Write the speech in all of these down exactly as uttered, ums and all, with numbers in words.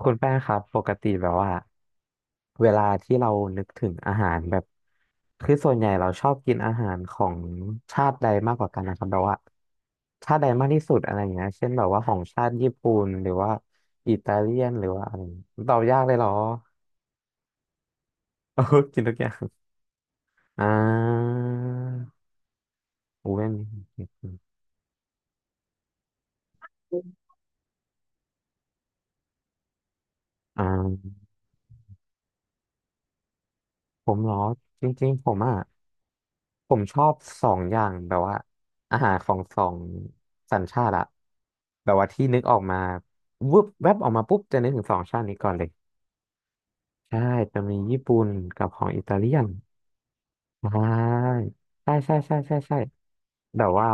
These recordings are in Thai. คุณแป้งครับปกติแบบว่าเวลาที่เรานึกถึงอาหารแบบคือส่วนใหญ่เราชอบกินอาหารของชาติใดมากกว่ากันนะครับแบบว่าชาติใดมากที่สุดอะไรอย่างเงี้ยเช่นแบบว่าของชาติญี่ปุ่นหรือว่าอิตาเลียนหรือว่าอะไรอย่างเงี้ยตอบยากเลยเหรอ โอ้กินทุกอย่างอ่าอูเวนอ่า ผมเหรอจริงๆผมอ่ะผมชอบสองอย่างแบบว่าอาหารของสองสัญชาติอะแบบว่าที่นึกออกมาวึบแวบออกมาปุ๊บจะนึกถึงสองชาตินี้ก่อนเลยใช่จะมีญี่ปุ่นกับของอิตาเลียนใช่ใช่ใช่ใช่ใช่ใช่แบบว่า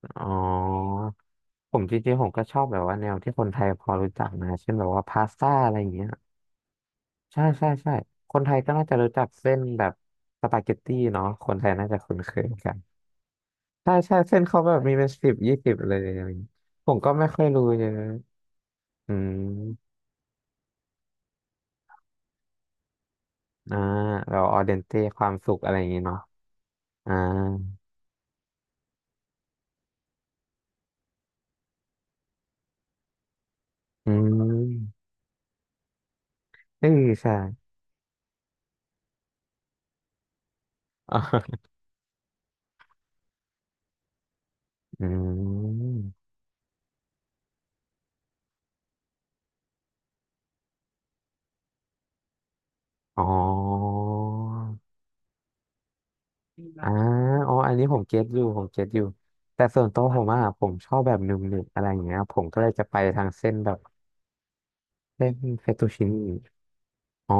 อ๋อผมจริงๆผมก็ชอบแบบว่าแนวที่คนไทยพอรู้จักนะเช่นแบบว่าพาสต้าอะไรอย่างเงี้ยใช่ใช่ใช่คนไทยก็น่าจะรู้จักเส้นแบบสปาเกตตี้เนาะคนไทยน่าจะคุ้นเคยกัน ใช่ใช่เส้นเขาแบบมีเป็นสิบยี่สิบเลยอะไรอย่างงี้ผมก็ไม่ค่อยรู้เยอะอืมอ่าเราออเดนเต้ความสุขอะไรอย่างงี้เนาะอ่าอืมเออใช่ อ่าอืมอ๋ออ่าอ๋ออันนี้ผมเก็ตอยู่ผมเก็ตอยู่แต่ส่วนตัวผมอ่ะผมชอบแบบหนึบหนึบอะไรอย่างเงี้ยผมก็เลยจะไปทางเส้นแบบเส้นเฟตตูชินีอ๋อ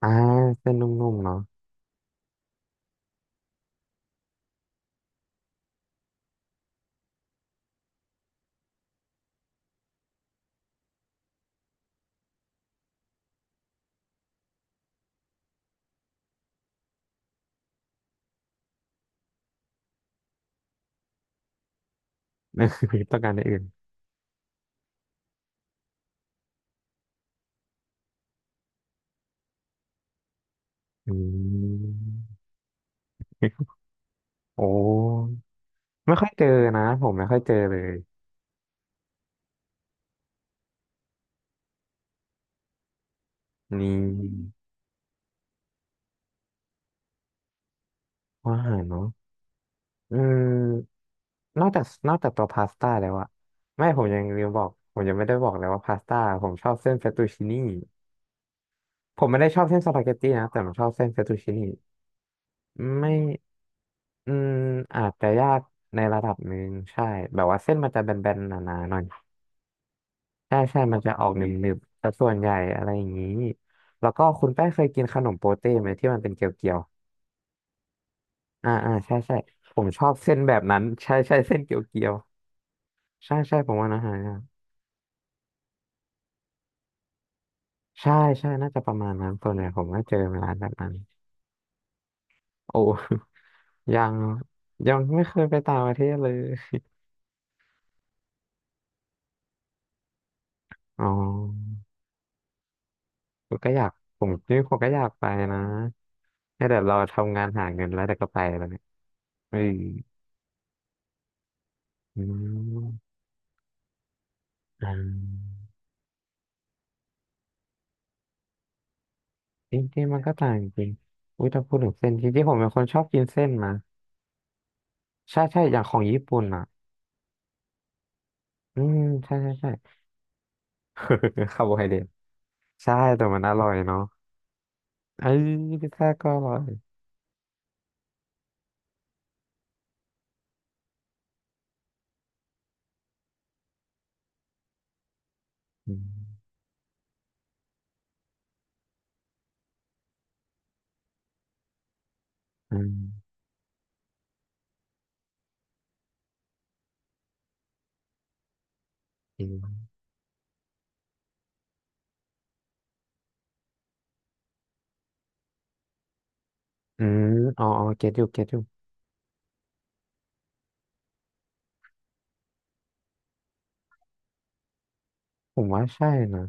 อ่าเส้นนุ่มๆเนาะ ต้องการอย่างอื่นอืม โอ้ไม่ค่อยเจอนะผมไม่ค่อยเจอเลยนี่ว่าอาหารเนาะอืมนอกจากนอกจากตัวพาสต้าแล้วอะไม่ผมยังลืมบอกผมยังไม่ได้บอกเลยว่าพาสต้าผมชอบเส้นเฟตตูชินี่ผมไม่ได้ชอบเส้นสปาเกตตี้นะแต่ผมชอบเส้นเฟตตูชินี่ไม่อืมอาจจะยากในระดับหนึ่งใช่แบบว่าเส้นมันจะแบนๆหนาๆหน่อยใช่ใช่มันจะออกหนึบๆแต่ส่วนใหญ่อะไรอย่างนี้แล้วก็คุณแป้งเคยกินขนมโปเต้ไหมที่มันเป็นเกลียว อ่าอ่าใช่ใช่ผมชอบเส้นแบบนั้นใช่ใช่เส้นเกียวเกียวใช่ใช่ผมว่านะฮะใช่ใช่น่าจะประมาณนั้นส่วเนีหยผมก็เจอมาร้านแบบนั้นโอ้ ยังยังไม่เคยไปต่างประเทศเลยอ๋อผมก็อยากผมนี่ผมก็อยากไปนะแต่เดี๋ยวเราทำงานหาเงินแล้วเดี๋ยวก็ไปแล้วเนี่ยเอออืมอ่าจริงๆมันก็ต่างจริงอุ้ยถ้าพูดถึงเส้นจริงๆผมเป็นคนชอบกินเส้นนะใช่ใช่อย่างของญี่ปุ่นอ่ะอืมใช่ใช่ใช่ คาร์โบไฮเดร ใช่แต่มันอร่อยเนาะไอ้ยพิซซ่าก็อร่อยอืมอืมอืมอืมอ๋ออ๋อเก็ตอยู่เก็ตอยู่ผมว่าใช่นะ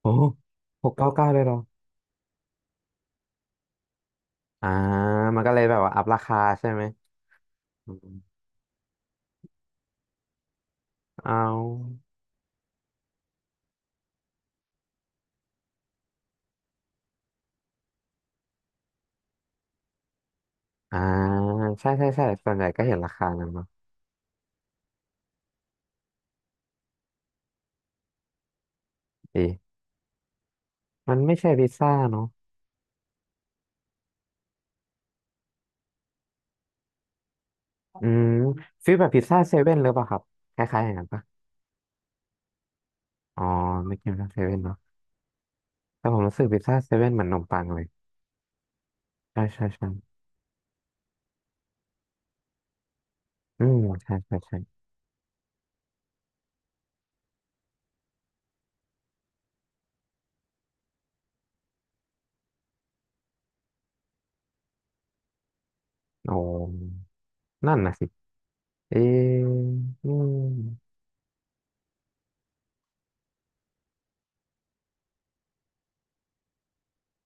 โอ้หกเก้าเก้าเลยเหรออ่ามันก็เลยแบบว่าอัพราคาใช่ไหมอืมเอาอ่าใช่ใช่ใช่ส่วนใหญ่ก็เห็นราคานั้นเนาะดีมันไม่ใช่พิซซ่าเนาะอืมฟีลแบบพิซซ่าเซเว่นหรือเปล่าครับคล้ายๆอย่างนั้นปะอ๋อไม่กินพิซซ่าเซเว่นเนาะแต่ผมรู้สึกพิซซ่าเซเว่นเหมือนนมปังเลยใช่ใช่ใช่อืมใช่ใช่ใช่ อ๋อนั่นนะสิเอออืม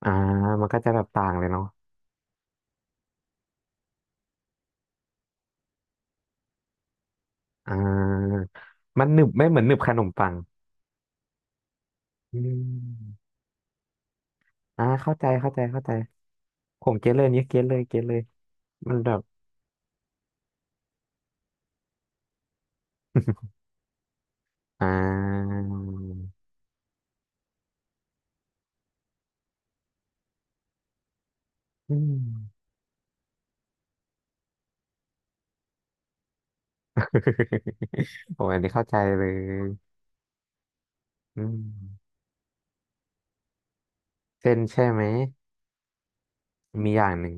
อ่ามันก็จะแบบต่างเลยเนาะอ่ามันหนึบไม่เหมือนหนึบขนมปังอืมอ่าเข้าใจเข้าใจเข้าใจผมเก็ตเลยเนี่ยเก็ตเลยเก็ตเลยมันแบบ อ่าอืม โอ้อันนี้เข้าใจเลยอืมเส้นใช่ไหมมีอย่างหนึ่ง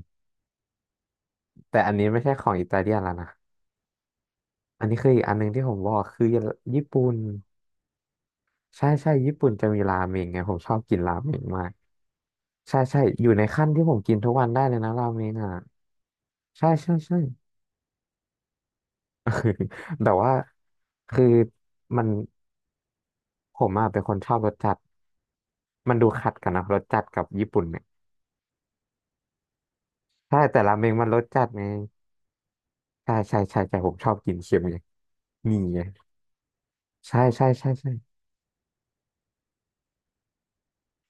แต่อันนี้ไม่ใช่ของอิตาเลียนแล้วนะอันนี้คืออีกอันหนึ่งที่ผมบอกคือญี่ปุ่น ใช่ใช่ญี่ปุ่นจะมีราเมงไงผมชอบกินราเมงมากใช่ใช่อยู่ในขั้นที่ผมกินทุกวันได้เลยนะราเมงอ่ะใช่ใช่ใช่ แต่ว่าคือมันผมอ่ะเป็นคนชอบรสจัดมันดูขัดกันนะรสจัดกับญี่ปุ่นเนี่ยใช่แต่ราเมงมันรสจัดไงใช่ใช่ใช่ใช่ผมชอบกินเค็มไงนี่ไงใช่ใช่ใช่ใช่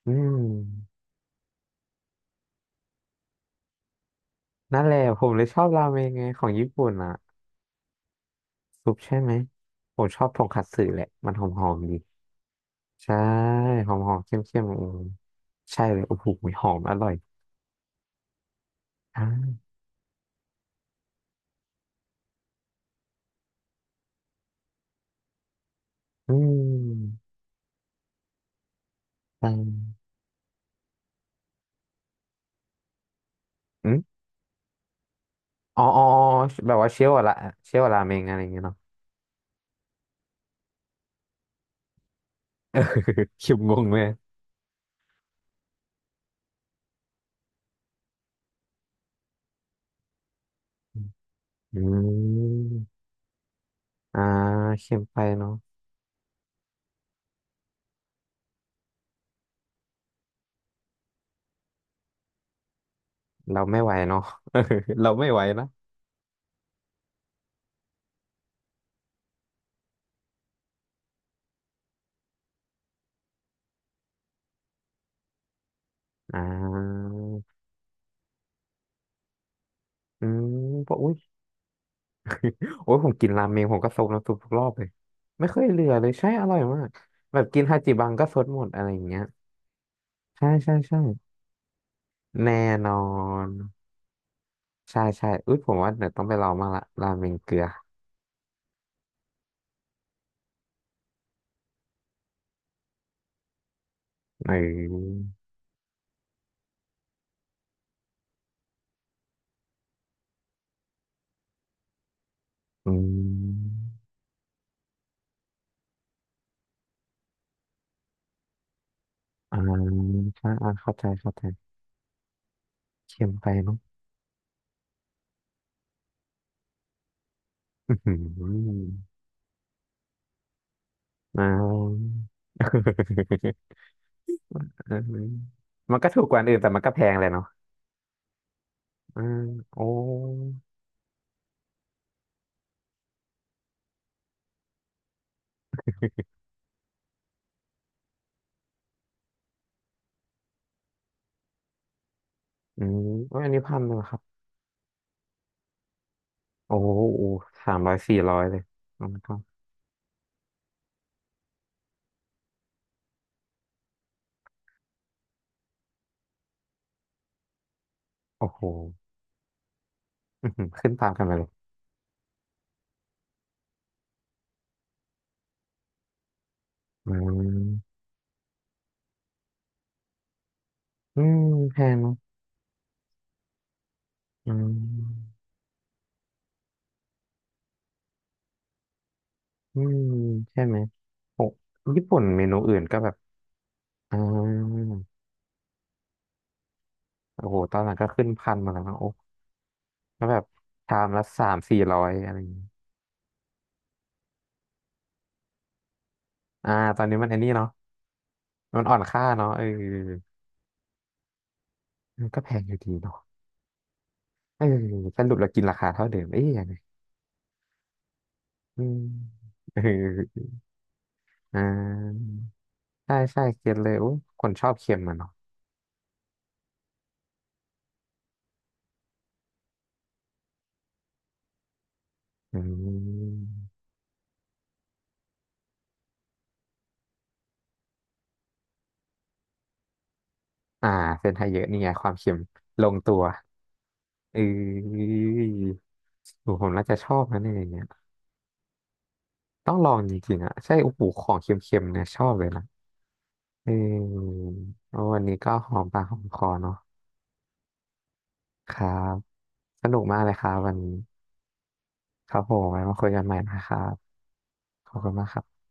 อืมนั่นแหละผมเลยชอบราเมงไงของญี่ปุ่นอ่ะซุปใช่ไหมผมชอบทงคัตสึแหละมันหอมๆดี ใช่หอมหอมเข้มเข้มอืมใช่เลยโอ้โหหอมอร่อยอ่าอืมอือืมอ๋ออ๋ออ๋อแบบว่าเชลล์อะละเชลล์ราเมงอะไรอย่างเงี้ยเนาะ คิมงงเลยอืมอ่าเค็มไปเนาะเราไม่ไหวเนาะ เราไม่ไหวนะอ่าอืมเพราะอุ้ยโอ้ยผมกินราเมงผมก็ซดน้ำซุปทุกรอบเลยไม่เคยเหลือเลยใช่อร่อยมากแบบกินฮาจิบังก็ซดหมดอะไรอย่างเงี้ยใช่ใช่ใช่แน่นอน ใช่ใช่อุ้ยผมว่าเดี๋ยวต้องไปลองมางละราเมงเกลือเอออืมอ่าใช่าอ่าเข้าใจเข้าใจเค็มไปเนาะอือหืออ่า อืม มันก็ถูกกว่าอันอื่นแต่มันก็แพงเลยเนาะอืมโอ้อืมโอ้ยอันนี้พันหนึ่งเหรอครับโอ้โหสามร้อยสี่ร้อยเลยอืมก็โอ้โหอื้อหือขึ้นตามกันไปเลยอืมอืมแพงเนาะอืม อืมใช่ไหมโอ้ญี่ปุ่นเมนูอื่นก็แบบอ่าโอ้โหตอนหลังก็ขึ้นพันมาแล้วนะโอ้ก็แบบชามละสามสี่ร้อยอะไรอย่างงี้อ่าตอนนี้มันไอ้นี่เนาะมันอ่อนค่าเนาะเออมันก็แพงอยู่ดีเนาะเออสรุปเรากินราคาเท่าเดิมเอ๊ยยังไงอืมเอออ่าใช่ใช่เก็ตเลยโอ้คนชอบเค็มอะเนาะอืม อ่าเส้นไทยเยอะนี่ไงความเค็มลงตัวเอ้ยโอ้โหผมน่าจะชอบนะเนี่ยอย่างเงี้ยต้องลองจริงๆอ่ะใช่โอ้โหของเค็มๆเนี่ยชอบเลยนะเออโอ้วันนี้ก็หอมปากหอมคอเนาะครับสนุกมากเลยครับวันนี้ครับผมไว้มาคุยกันใหม่นะครับขอบคุณมากครับ